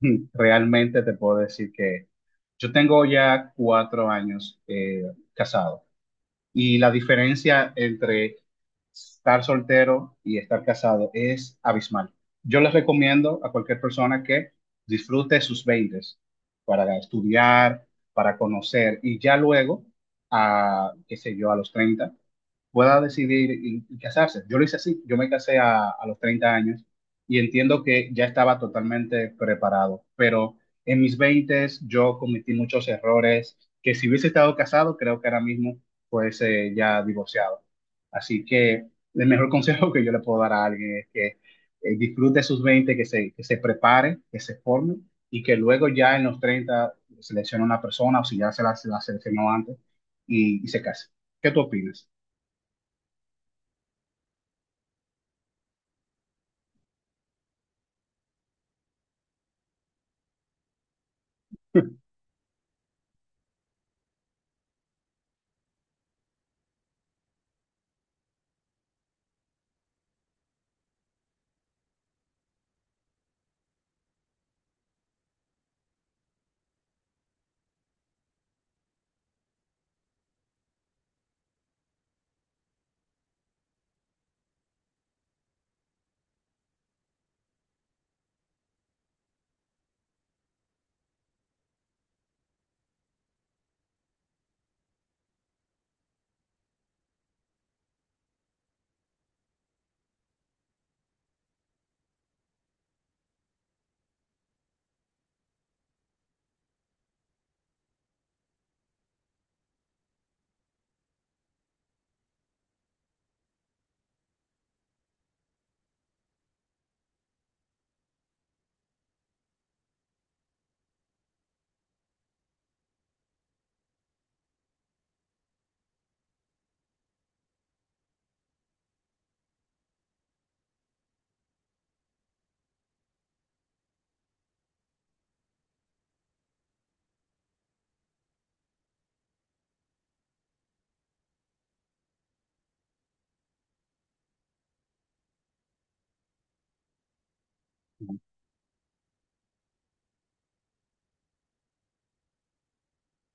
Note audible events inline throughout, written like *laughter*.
*laughs* Realmente te puedo decir que yo tengo ya cuatro años casado y la diferencia entre estar soltero y estar casado es abismal. Yo les recomiendo a cualquier persona que disfrute sus 20 para estudiar, para conocer y ya luego, qué sé yo, a los 30 pueda decidir y casarse. Yo lo hice así, yo me casé a los 30 años y entiendo que ya estaba totalmente preparado, pero en mis 20 yo cometí muchos errores que si hubiese estado casado, creo que ahora mismo fuese ya divorciado. Así que el mejor *laughs* consejo que yo le puedo dar a alguien es que disfrute sus 20, que se prepare, que se forme y que luego ya en los 30 seleccione una persona o si ya se la seleccionó antes y se case. ¿Qué tú opinas? *laughs*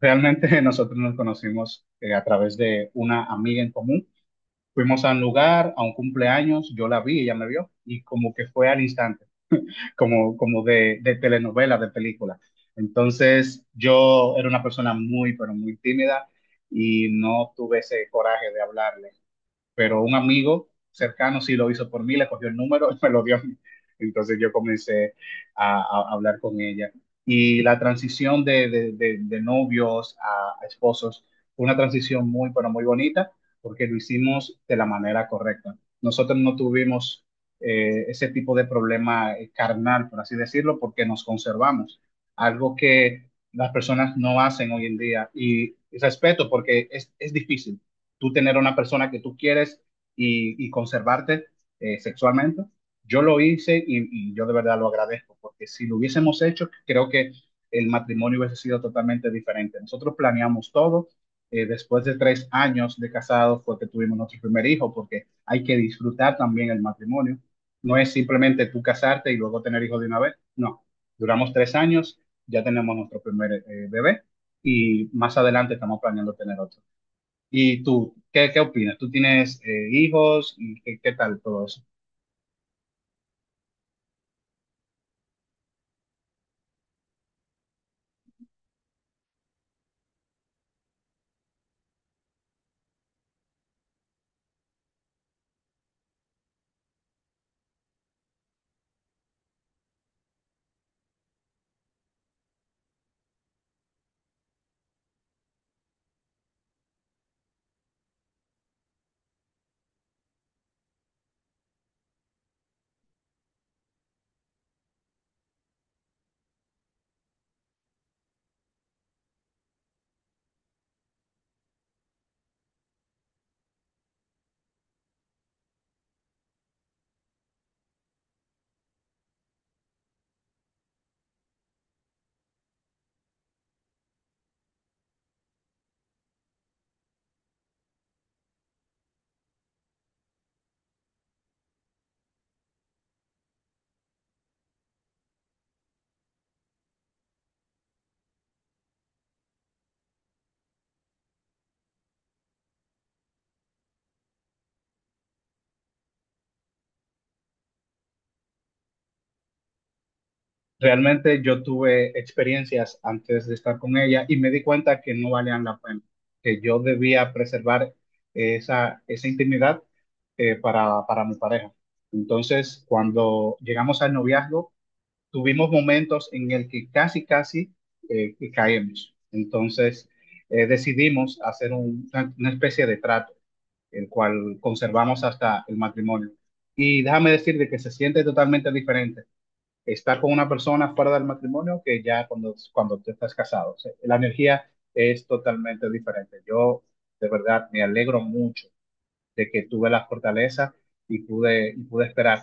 Realmente *laughs* nosotros nos conocimos a través de una amiga en común. Fuimos a un lugar, a un cumpleaños, yo la vi, ella me vio y como que fue al instante, como de telenovela, de película. Entonces yo era una persona muy, pero muy tímida y no tuve ese coraje de hablarle. Pero un amigo cercano sí lo hizo por mí, le cogió el número y me lo dio a mí. Entonces yo comencé a hablar con ella. Y la transición de novios a esposos fue una transición muy, pero muy bonita, porque lo hicimos de la manera correcta. Nosotros no tuvimos ese tipo de problema carnal, por así decirlo, porque nos conservamos, algo que las personas no hacen hoy en día. Y respeto, porque es difícil tú tener a una persona que tú quieres y conservarte sexualmente. Yo lo hice yo de verdad lo agradezco, porque si lo hubiésemos hecho, creo que el matrimonio hubiese sido totalmente diferente. Nosotros planeamos todo. Después de tres años de casados fue que tuvimos nuestro primer hijo, porque hay que disfrutar también el matrimonio. No es simplemente tú casarte y luego tener hijos de una vez. No, duramos tres años, ya tenemos nuestro primer bebé y más adelante estamos planeando tener otro. ¿Y tú, qué opinas? ¿Tú tienes hijos? ¿Y qué, qué tal todo eso? Realmente yo tuve experiencias antes de estar con ella y me di cuenta que no valían la pena, que yo debía preservar esa intimidad para mi pareja. Entonces, cuando llegamos al noviazgo, tuvimos momentos en el que casi que caemos. Entonces, decidimos hacer una especie de trato el cual conservamos hasta el matrimonio. Y déjame decirte que se siente totalmente diferente estar con una persona fuera del matrimonio que ya cuando tú estás casado. O sea, la energía es totalmente diferente. Yo de verdad me alegro mucho de que tuve la fortaleza y pude esperar.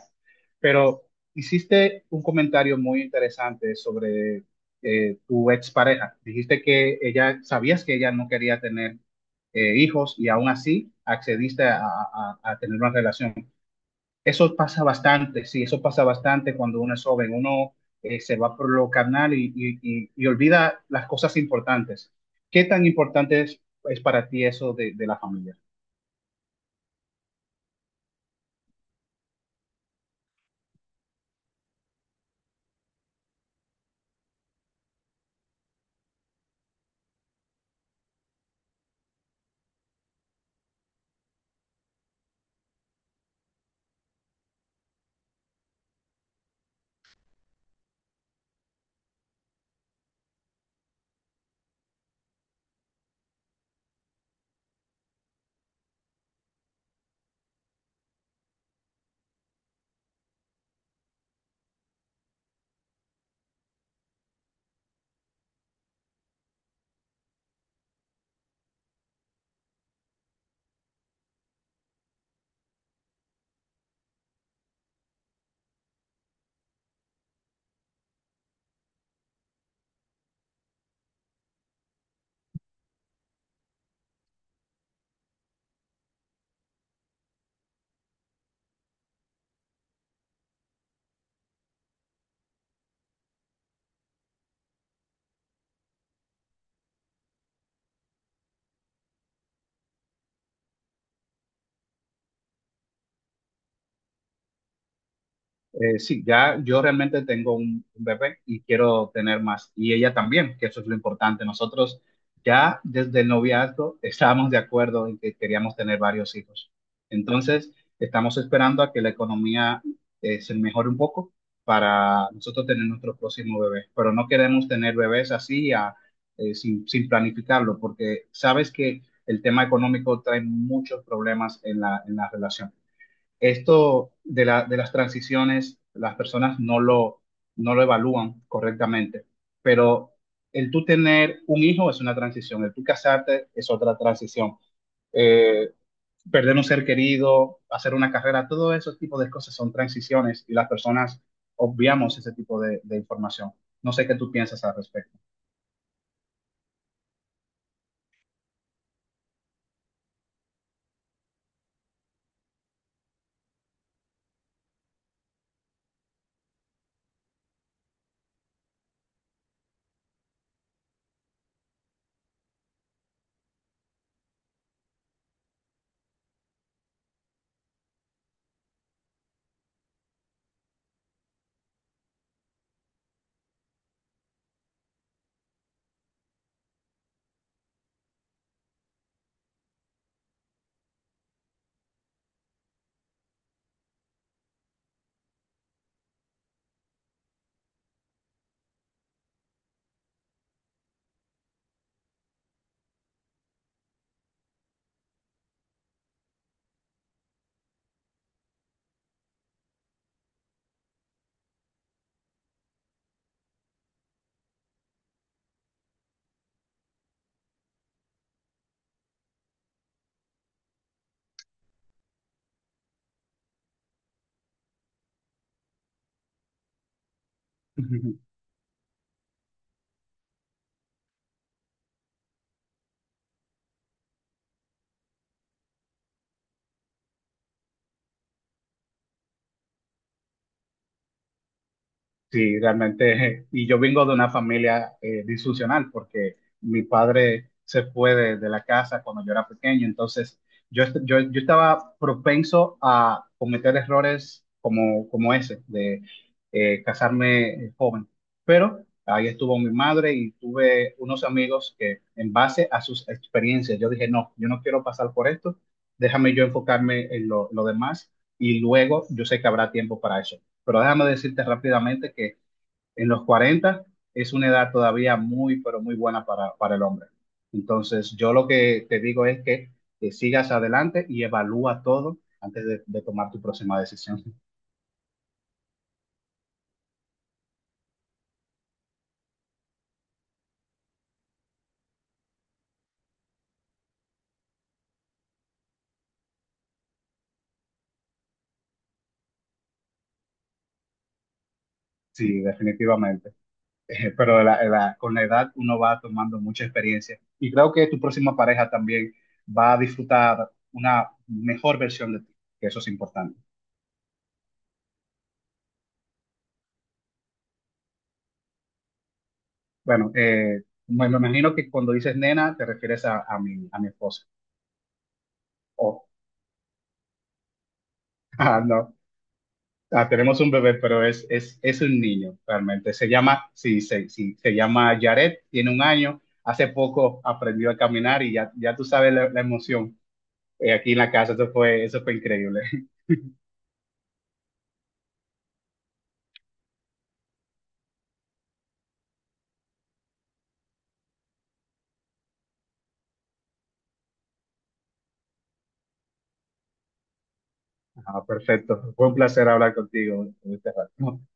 Pero hiciste un comentario muy interesante sobre tu expareja. Dijiste que ella, sabías que ella no quería tener hijos y aún así accediste a tener una relación. Eso pasa bastante, sí, eso pasa bastante cuando uno es joven, uno se va por lo carnal y olvida las cosas importantes. ¿Qué tan importante es para ti eso de la familia? Sí, ya yo realmente tengo un bebé y quiero tener más. Y ella también, que eso es lo importante. Nosotros ya desde el noviazgo *laughs* estábamos de acuerdo en que queríamos tener varios hijos. Entonces, estamos esperando a que la economía se mejore un poco para nosotros tener nuestro próximo bebé. Pero no queremos tener bebés así a- sin, sin planificarlo, porque sabes que el tema económico trae muchos problemas en en la relación esto de las transiciones, las personas no lo evalúan correctamente, pero el tú tener un hijo es una transición, el tú casarte es otra transición. Eh, perder un ser querido, hacer una carrera, todo esos tipos de cosas son transiciones y las personas obviamos ese tipo de información. No sé qué tú piensas al respecto. *laughs* Sí, realmente, y yo vengo de una familia disfuncional porque mi padre se fue de la casa cuando yo era pequeño, entonces yo estaba propenso a cometer errores como ese, de casarme joven. Pero ahí estuvo mi madre y tuve unos amigos que en base a sus experiencias, yo dije, no, yo no quiero pasar por esto, déjame yo enfocarme en lo demás y luego yo sé que habrá tiempo para eso, pero déjame decirte rápidamente que en los 40 es una edad todavía muy, pero muy buena para el hombre. Entonces, yo lo que te digo es que sigas adelante y evalúa todo antes de tomar tu próxima decisión. *laughs* Sí, definitivamente. Pero con la edad uno va tomando mucha experiencia y creo que tu próxima pareja también va a disfrutar una mejor versión de ti, que eso es importante. Bueno, me imagino que cuando dices nena te refieres a mi esposa. O ah, no. Ah, tenemos un bebé, pero es un niño, realmente. Se llama, sí, se llama Jared, tiene un año. Hace poco aprendió a caminar y ya, ya tú sabes la emoción. Eh, aquí en la casa, eso fue increíble. *laughs* Ah, perfecto. Fue un placer hablar contigo, Estefan. *laughs*